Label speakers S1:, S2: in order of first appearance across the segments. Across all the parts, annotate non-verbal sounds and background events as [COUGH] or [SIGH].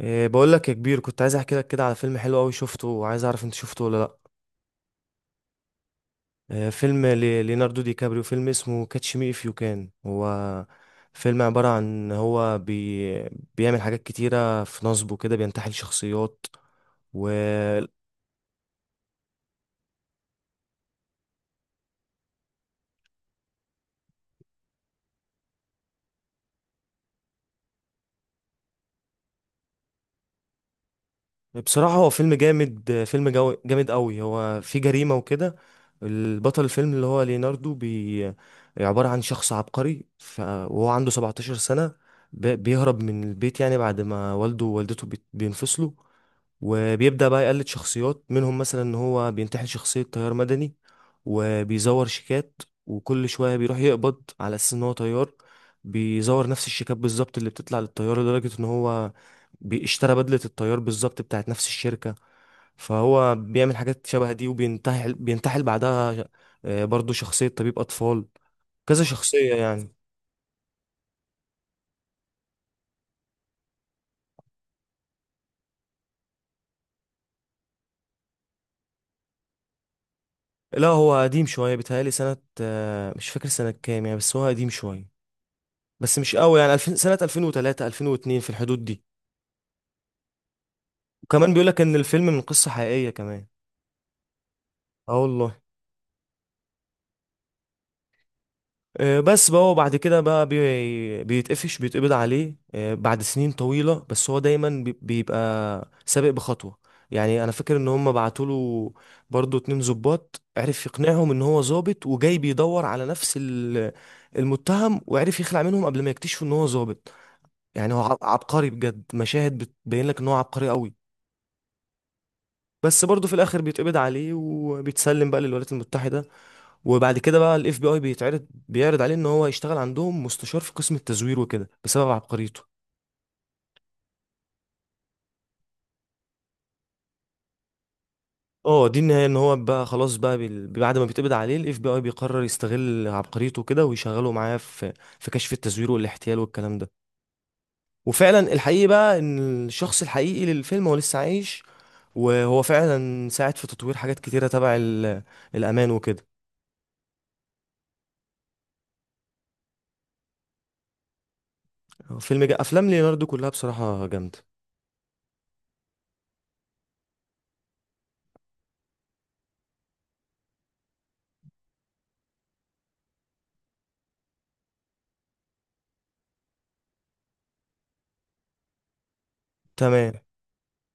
S1: إيه بقول لك يا كبير، كنت عايز احكي لك كده على فيلم حلو قوي شفته، وعايز اعرف انت شفته ولا لا. إيه فيلم ليوناردو دي كابريو، فيلم اسمه كاتش مي اف يو كان. هو فيلم عبارة عن هو بيعمل حاجات كتيرة في نصبه كده، بينتحل شخصيات. بصراحة هو فيلم جامد، فيلم جو جامد قوي، هو فيه جريمة وكده. البطل الفيلم اللي هو ليناردو عبارة عن شخص عبقري وهو عنده 17 سنة. بيهرب من البيت يعني بعد ما والده ووالدته بينفصلوا. وبيبدأ بقى يقلد شخصيات منهم، مثلا ان هو بينتحل شخصية طيار مدني، وبيزور شيكات، وكل شوية بيروح يقبض على اساس ان هو طيار. بيزور نفس الشيكات بالظبط اللي بتطلع للطيار، لدرجة ان هو بيشترى بدلة الطيار بالظبط بتاعت نفس الشركة. فهو بيعمل حاجات شبه دي، وبينتحل بعدها برضو شخصية طبيب أطفال، كذا شخصية يعني. لا هو قديم شوية، بيتهيألي سنة، مش فاكر سنة كام يعني، بس هو قديم شوية، بس مش قوي، يعني 2000 سنة 2003 2002 في الحدود دي. وكمان بيقول لك ان الفيلم من قصة حقيقية كمان. اه والله. بس بقى هو بعد كده بقى بي... بيتقفش بيتقبض عليه بعد سنين طويلة، بس هو دايما بيبقى سابق بخطوة. يعني انا فاكر ان هم بعتوا له برضه اتنين ظباط، عرف يقنعهم ان هو ظابط وجاي بيدور على نفس المتهم، وعرف يخلع منهم قبل ما يكتشفوا ان هو ظابط. يعني هو عبقري بجد، مشاهد بتبين لك ان هو عبقري قوي. بس برضه في الاخر بيتقبض عليه، وبيتسلم بقى للولايات المتحده. وبعد كده بقى الاف بي اي بيعرض عليه ان هو يشتغل عندهم مستشار في قسم التزوير وكده، بسبب عبقريته. اه دي النهايه، ان هو بقى خلاص بقى بعد ما بيتقبض عليه الاف بي اي بيقرر يستغل عبقريته كده، ويشغله معاه في كشف التزوير والاحتيال والكلام ده. وفعلا الحقيقي بقى ان الشخص الحقيقي للفيلم هو لسه عايش، وهو فعلا ساعد في تطوير حاجات كتيره تبع الامان وكده. افلام ليوناردو كلها بصراحه جامده. تمام،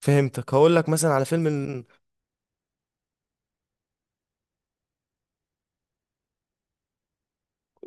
S1: فهمتك، هقول لك مثلا على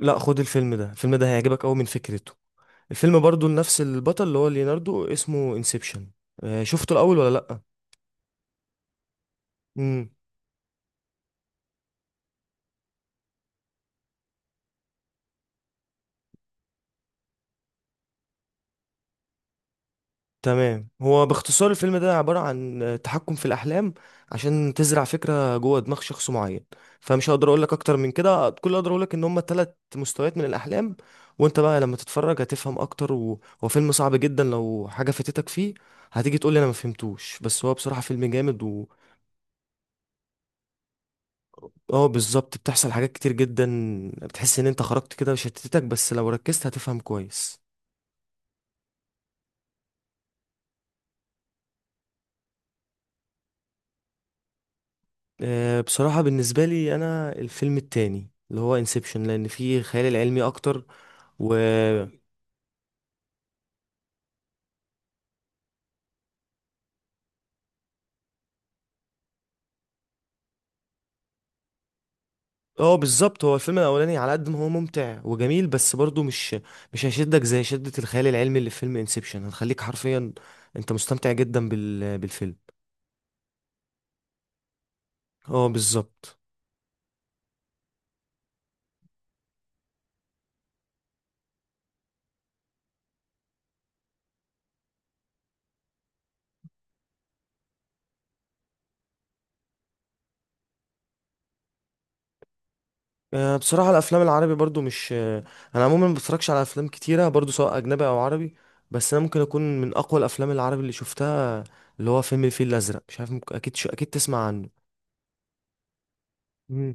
S1: لا، خد الفيلم ده، الفيلم ده هيعجبك قوي من فكرته. الفيلم برضو لنفس البطل اللي هو ليوناردو، اسمه انسبشن. شفته الاول ولا لا؟ امم. تمام، هو باختصار الفيلم ده عبارة عن تحكم في الاحلام، عشان تزرع فكرة جوه دماغ شخص معين. فمش هقدر اقول لك اكتر من كده، كل اللي اقدر اقول لك ان هم ثلاث مستويات من الاحلام. وانت بقى لما تتفرج هتفهم اكتر هو فيلم صعب جدا، لو حاجة فاتتك فيه هتيجي تقول لي انا ما فهمتوش، بس هو بصراحة فيلم جامد. اه بالظبط، بتحصل حاجات كتير جدا، بتحس ان انت خرجت كده وشتتك، بس لو ركزت هتفهم كويس. بصراحة بالنسبة لي انا، الفيلم التاني اللي هو انسبشن، لان فيه خيال العلمي اكتر و اه بالظبط، هو الفيلم الاولاني على قد ما هو ممتع وجميل، بس برضه مش هيشدك زي شدة الخيال العلمي اللي في فيلم انسبشن، هتخليك حرفيا انت مستمتع جدا بالفيلم. اه بالظبط. بصراحة الأفلام العربي برضو مش آه، أنا عموما ما بتفرجش على أفلام كتيرة برضو، سواء أجنبي أو عربي. بس أنا ممكن أكون من أقوى الأفلام العربي اللي شفتها، اللي هو فيلم الفيل الأزرق. مش عارف، ممكن أكيد أكيد تسمع عنه. مم.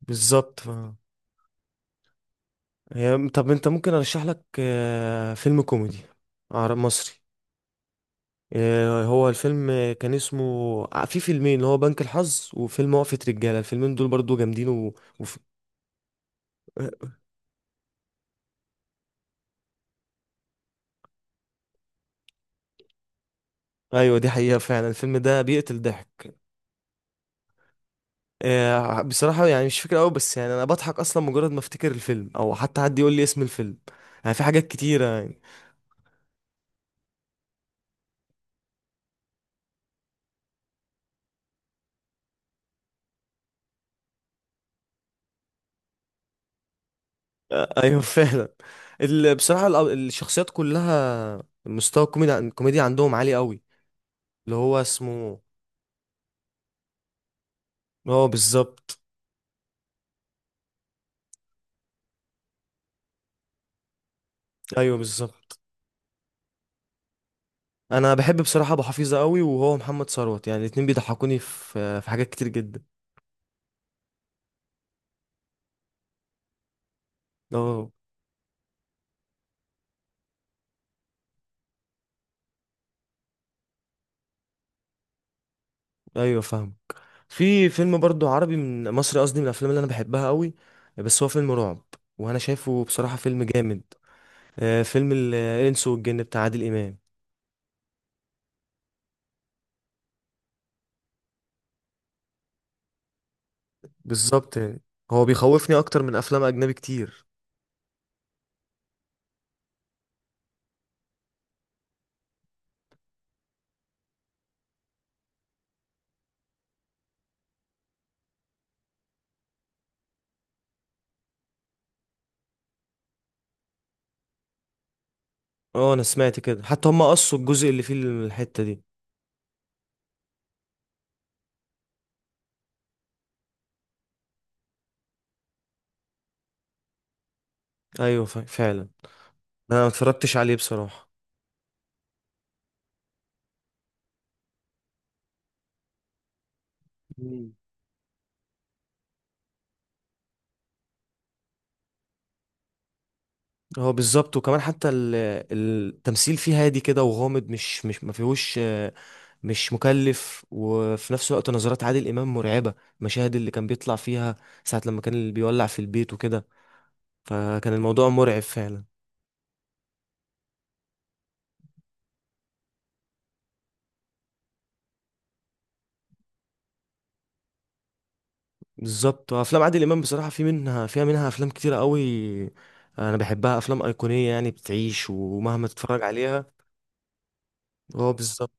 S1: بالظبط طب أنت، ممكن أرشح لك فيلم كوميدي عربي مصري. هو الفيلم، كان اسمه، في فيلمين اللي هو بنك الحظ وفيلم وقفة رجالة، الفيلمين دول برضو جامدين وف... آه، أيوة دي حقيقة، فعلا الفيلم ده بيقتل ضحك. بصراحة يعني مش فاكر قوي، بس يعني انا بضحك اصلا مجرد ما افتكر الفيلم، او حتى حد يقول لي اسم الفيلم، يعني في حاجات كتيرة يعني. ايوه، [LAUGHS] فعلا. بصراحة الشخصيات كلها، مستوى الكوميديا عندهم عالي قوي. اللي هو اسمه، هو بالظبط. ايوه بالظبط. انا بحب بصراحة ابو حفيظة قوي، وهو محمد ثروت، يعني الاتنين بيضحكوني في حاجات كتير جدا. اه ايوه فاهم. في فيلم برضو عربي مصري قصدي، من الافلام اللي انا بحبها قوي، بس هو فيلم رعب، وانا شايفه بصراحة فيلم جامد. فيلم الانس والجن بتاع عادل امام. بالظبط يعني، هو بيخوفني اكتر من افلام اجنبي كتير. اه انا سمعت كده، حتى هم قصوا الجزء اللي فيه الحتة دي. ايوه فعلا. انا ما اتفرجتش عليه بصراحة. مم. هو بالظبط، وكمان حتى التمثيل فيه هادي كده وغامض، مش ما فيهوش، مش مكلف، وفي نفس الوقت نظرات عادل امام مرعبه، المشاهد اللي كان بيطلع فيها ساعه لما كان اللي بيولع في البيت وكده، فكان الموضوع مرعب فعلا. بالظبط، وافلام عادل امام بصراحه في منها فيها منها افلام كتيره قوي، انا بحبها افلام ايقونيه يعني بتعيش ومهما تتفرج عليها. هو بالظبط.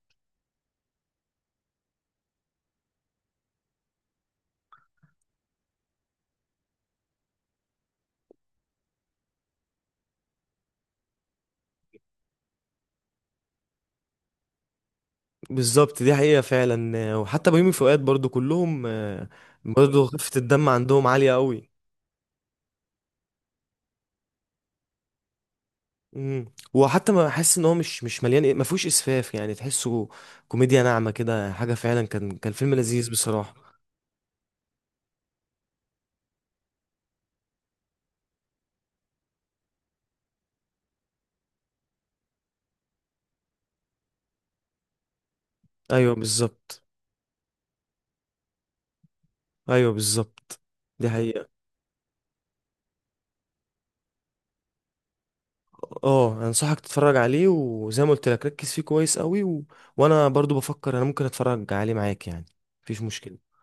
S1: بالظبط دي حقيقه فعلا، وحتى بيومي فؤاد برضو كلهم، برضو خفه الدم عندهم عاليه قوي. امم. وحتى ما حاسس ان هو مش مليان، ما فيهوش اسفاف يعني، تحسه كوميديا ناعمه كده، حاجه فعلا، كان فيلم لذيذ بصراحه. ايوه بالظبط. ايوه بالظبط، دي حقيقه. اه انصحك تتفرج عليه، وزي ما قلت لك ركز فيه كويس قوي وانا برضو بفكر انا ممكن اتفرج عليه معاك يعني، مفيش مشكله.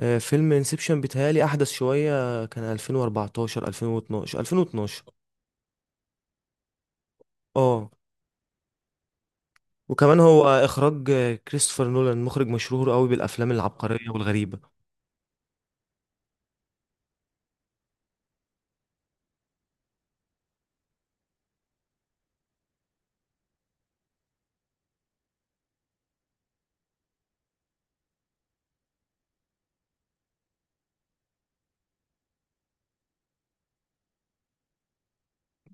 S1: فيلم انسبشن بيتهيألي احدث شويه، كان 2014 2012 2012. اه، وكمان هو اخراج كريستوفر نولان، مخرج مشهور قوي بالافلام العبقريه والغريبه.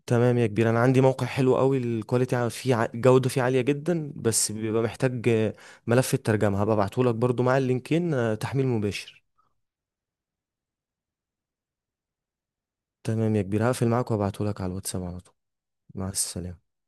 S1: تمام يا كبير، انا عندي موقع حلو قوي، الكواليتي فيه الجوده فيه عاليه جدا، بس بيبقى محتاج ملف الترجمه، هبقى ابعته لك برضو مع اللينكين، تحميل مباشر. تمام يا كبير، هقفل معاك وابعته لك على الواتساب على طول. مع السلامه.